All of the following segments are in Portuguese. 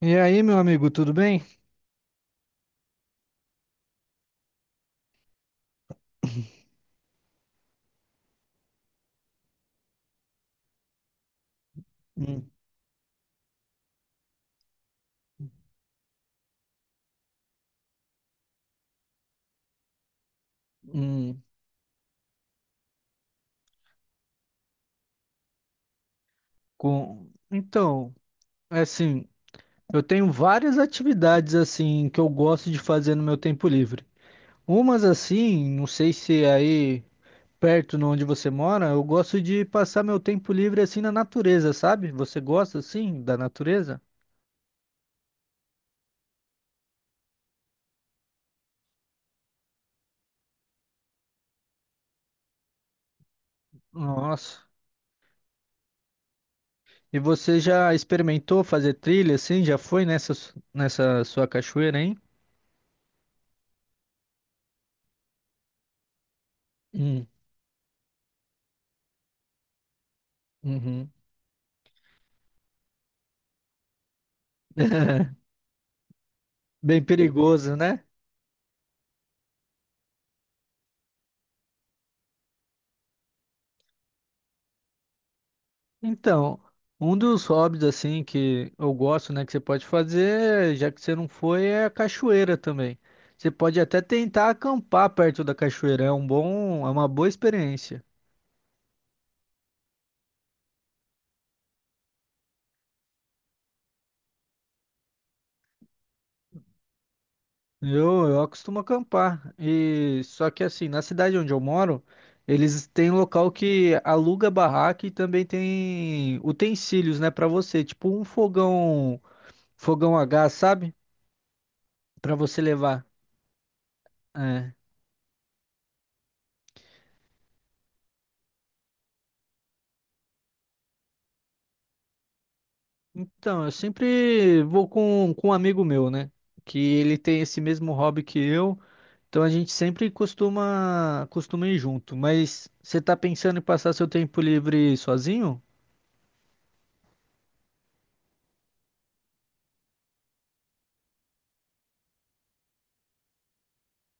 E aí, meu amigo, tudo bem? Hum, hum, Então, é assim, eu tenho várias atividades assim que eu gosto de fazer no meu tempo livre. Umas assim, não sei se é aí perto de onde você mora, eu gosto de passar meu tempo livre assim na natureza, sabe? Você gosta assim da natureza? Nossa. E você já experimentou fazer trilha assim? Já foi nessa sua cachoeira, hein? Hum, uhum. Bem perigoso, né? Então, um dos hobbies assim que eu gosto, né, que você pode fazer, já que você não foi, é a cachoeira também. Você pode até tentar acampar perto da cachoeira, é uma boa experiência. Eu costumo acampar e só que assim, na cidade onde eu moro, eles têm local que aluga barraca e também tem utensílios, né, para você, tipo um fogão a gás, sabe? Para você levar. É. Então, eu sempre vou com um amigo meu, né? Que ele tem esse mesmo hobby que eu. Então a gente sempre costuma ir junto. Mas você tá pensando em passar seu tempo livre sozinho?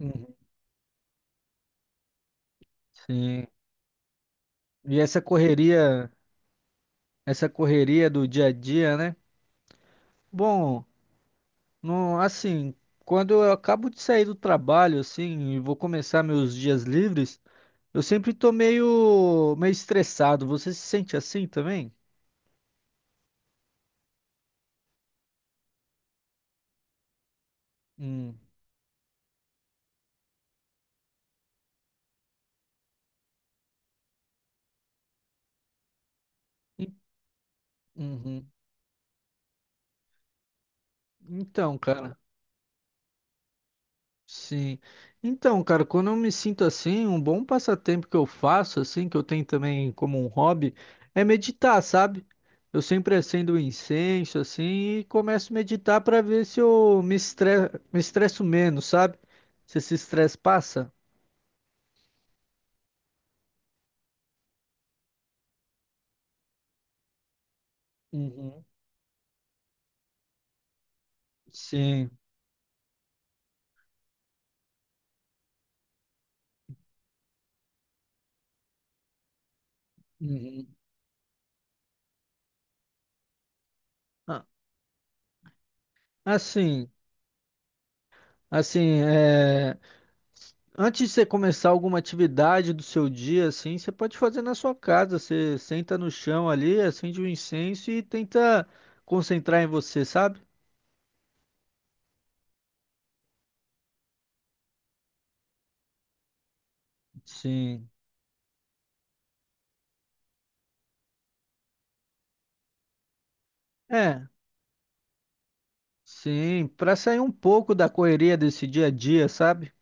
Uhum. Sim. E essa correria do dia a dia, né? Bom, não, assim, quando eu acabo de sair do trabalho, assim, e vou começar meus dias livres, eu sempre tô meio estressado. Você se sente assim também? Hum. E- Uhum. Então, cara, sim. Então, cara, quando eu me sinto assim, um bom passatempo que eu faço, assim, que eu tenho também como um hobby, é meditar, sabe? Eu sempre acendo um incenso, assim, e começo a meditar para ver se eu me estresso menos, sabe? Se esse estresse passa. Uhum. Sim. Uhum. Ah, Assim, assim, é. Antes de você começar alguma atividade do seu dia, assim, você pode fazer na sua casa. Você senta no chão ali, acende um incenso e tenta concentrar em você, sabe? Sim. É, sim, para sair um pouco da correria desse dia a dia, sabe?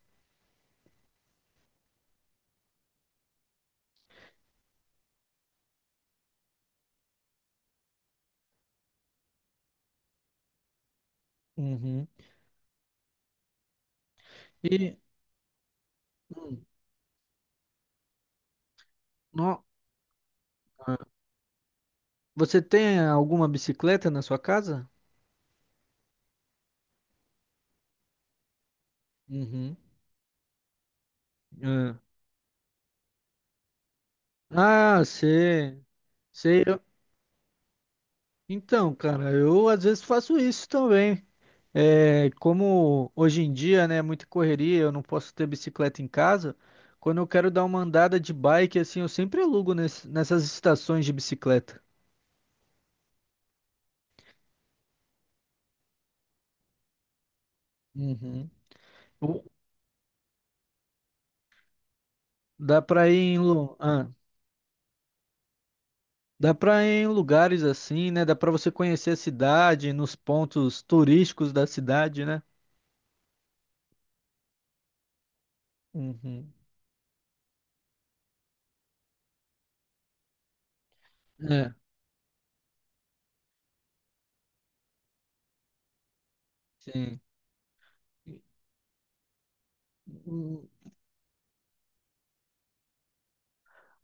Uhum. E hum, no- ah, você tem alguma bicicleta na sua casa? Uhum. Ah, Ah, sei, sei. Então, cara, eu às vezes faço isso também. É, como hoje em dia, né, é muita correria, eu não posso ter bicicleta em casa. Quando eu quero dar uma andada de bike, assim, eu sempre alugo nessas estações de bicicleta. Uhum. O- Dá pra ir em, lu- ah, dá pra ir em lugares assim, né? Dá pra você conhecer a cidade, nos pontos turísticos da cidade, né? Uhum. É, sim. Hum,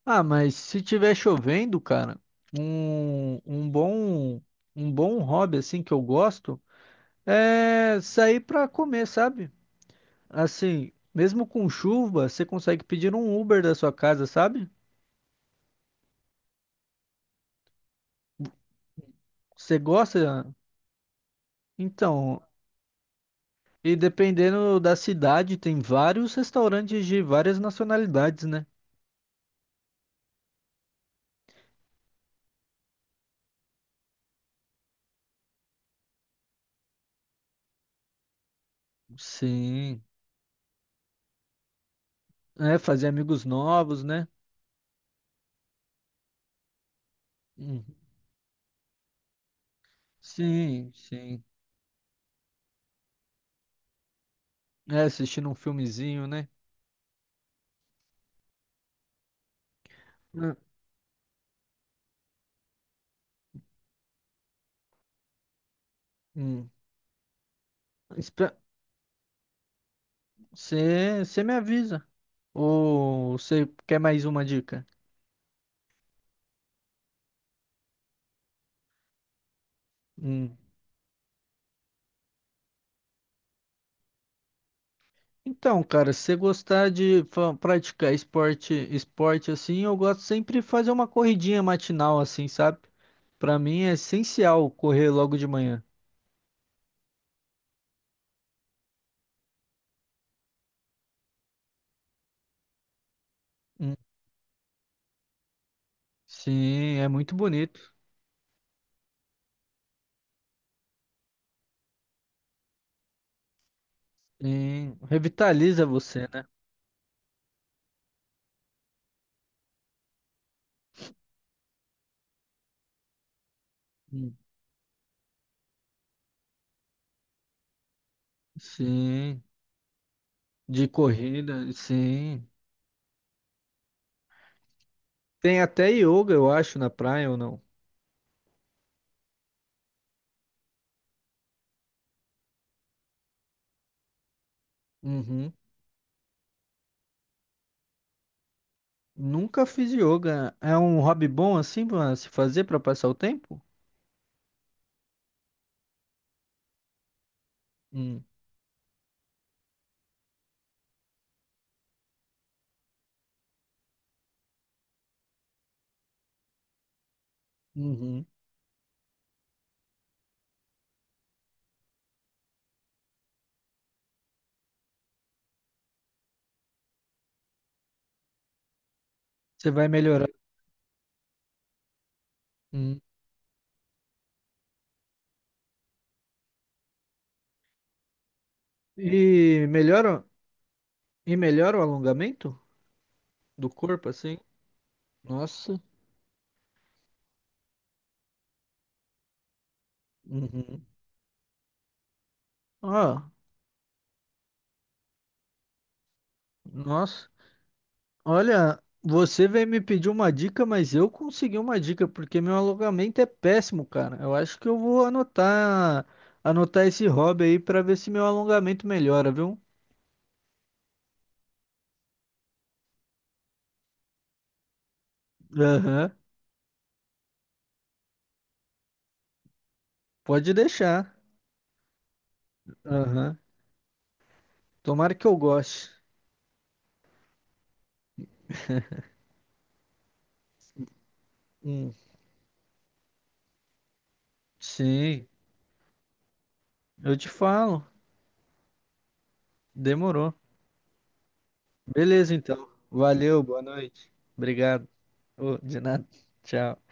Ah, mas se tiver chovendo, cara, um, um bom um bom hobby assim que eu gosto é sair pra comer, sabe? Assim, mesmo com chuva, você consegue pedir um Uber da sua casa, sabe? Você gosta? Então, e dependendo da cidade, tem vários restaurantes de várias nacionalidades, né? Sim. É, fazer amigos novos, né? Hum. Sim, sim. É, assistindo um filmezinho, né? Hum. Hum. Espe- você me avisa. Ou você quer mais uma dica? Hum. Então, cara, se você gostar de praticar esporte, assim, eu gosto sempre de fazer uma corridinha matinal assim, sabe? Pra mim é essencial correr logo de manhã. Hum. Sim, é muito bonito. Sim, revitaliza você, né? Hum. Sim, de corrida, sim. Tem até yoga, eu acho, na praia ou não? Uhum. Nunca fiz yoga. É um hobby bom assim pra se fazer pra passar o tempo? Hum. Uhum. Você vai melhorar. Hum. E melhora, e melhora o alongamento do corpo, assim? Nossa. Uhum. Ó, nossa. Olha, você veio me pedir uma dica, mas eu consegui uma dica, porque meu alongamento é péssimo, cara. Eu acho que eu vou anotar esse hobby aí pra ver se meu alongamento melhora, viu? Aham. Pode deixar. Aham. Tomara que eu goste. Hum. Sim, eu te falo. Demorou. Beleza, então. Valeu, boa noite. Obrigado. Ô, de nada. Tchau.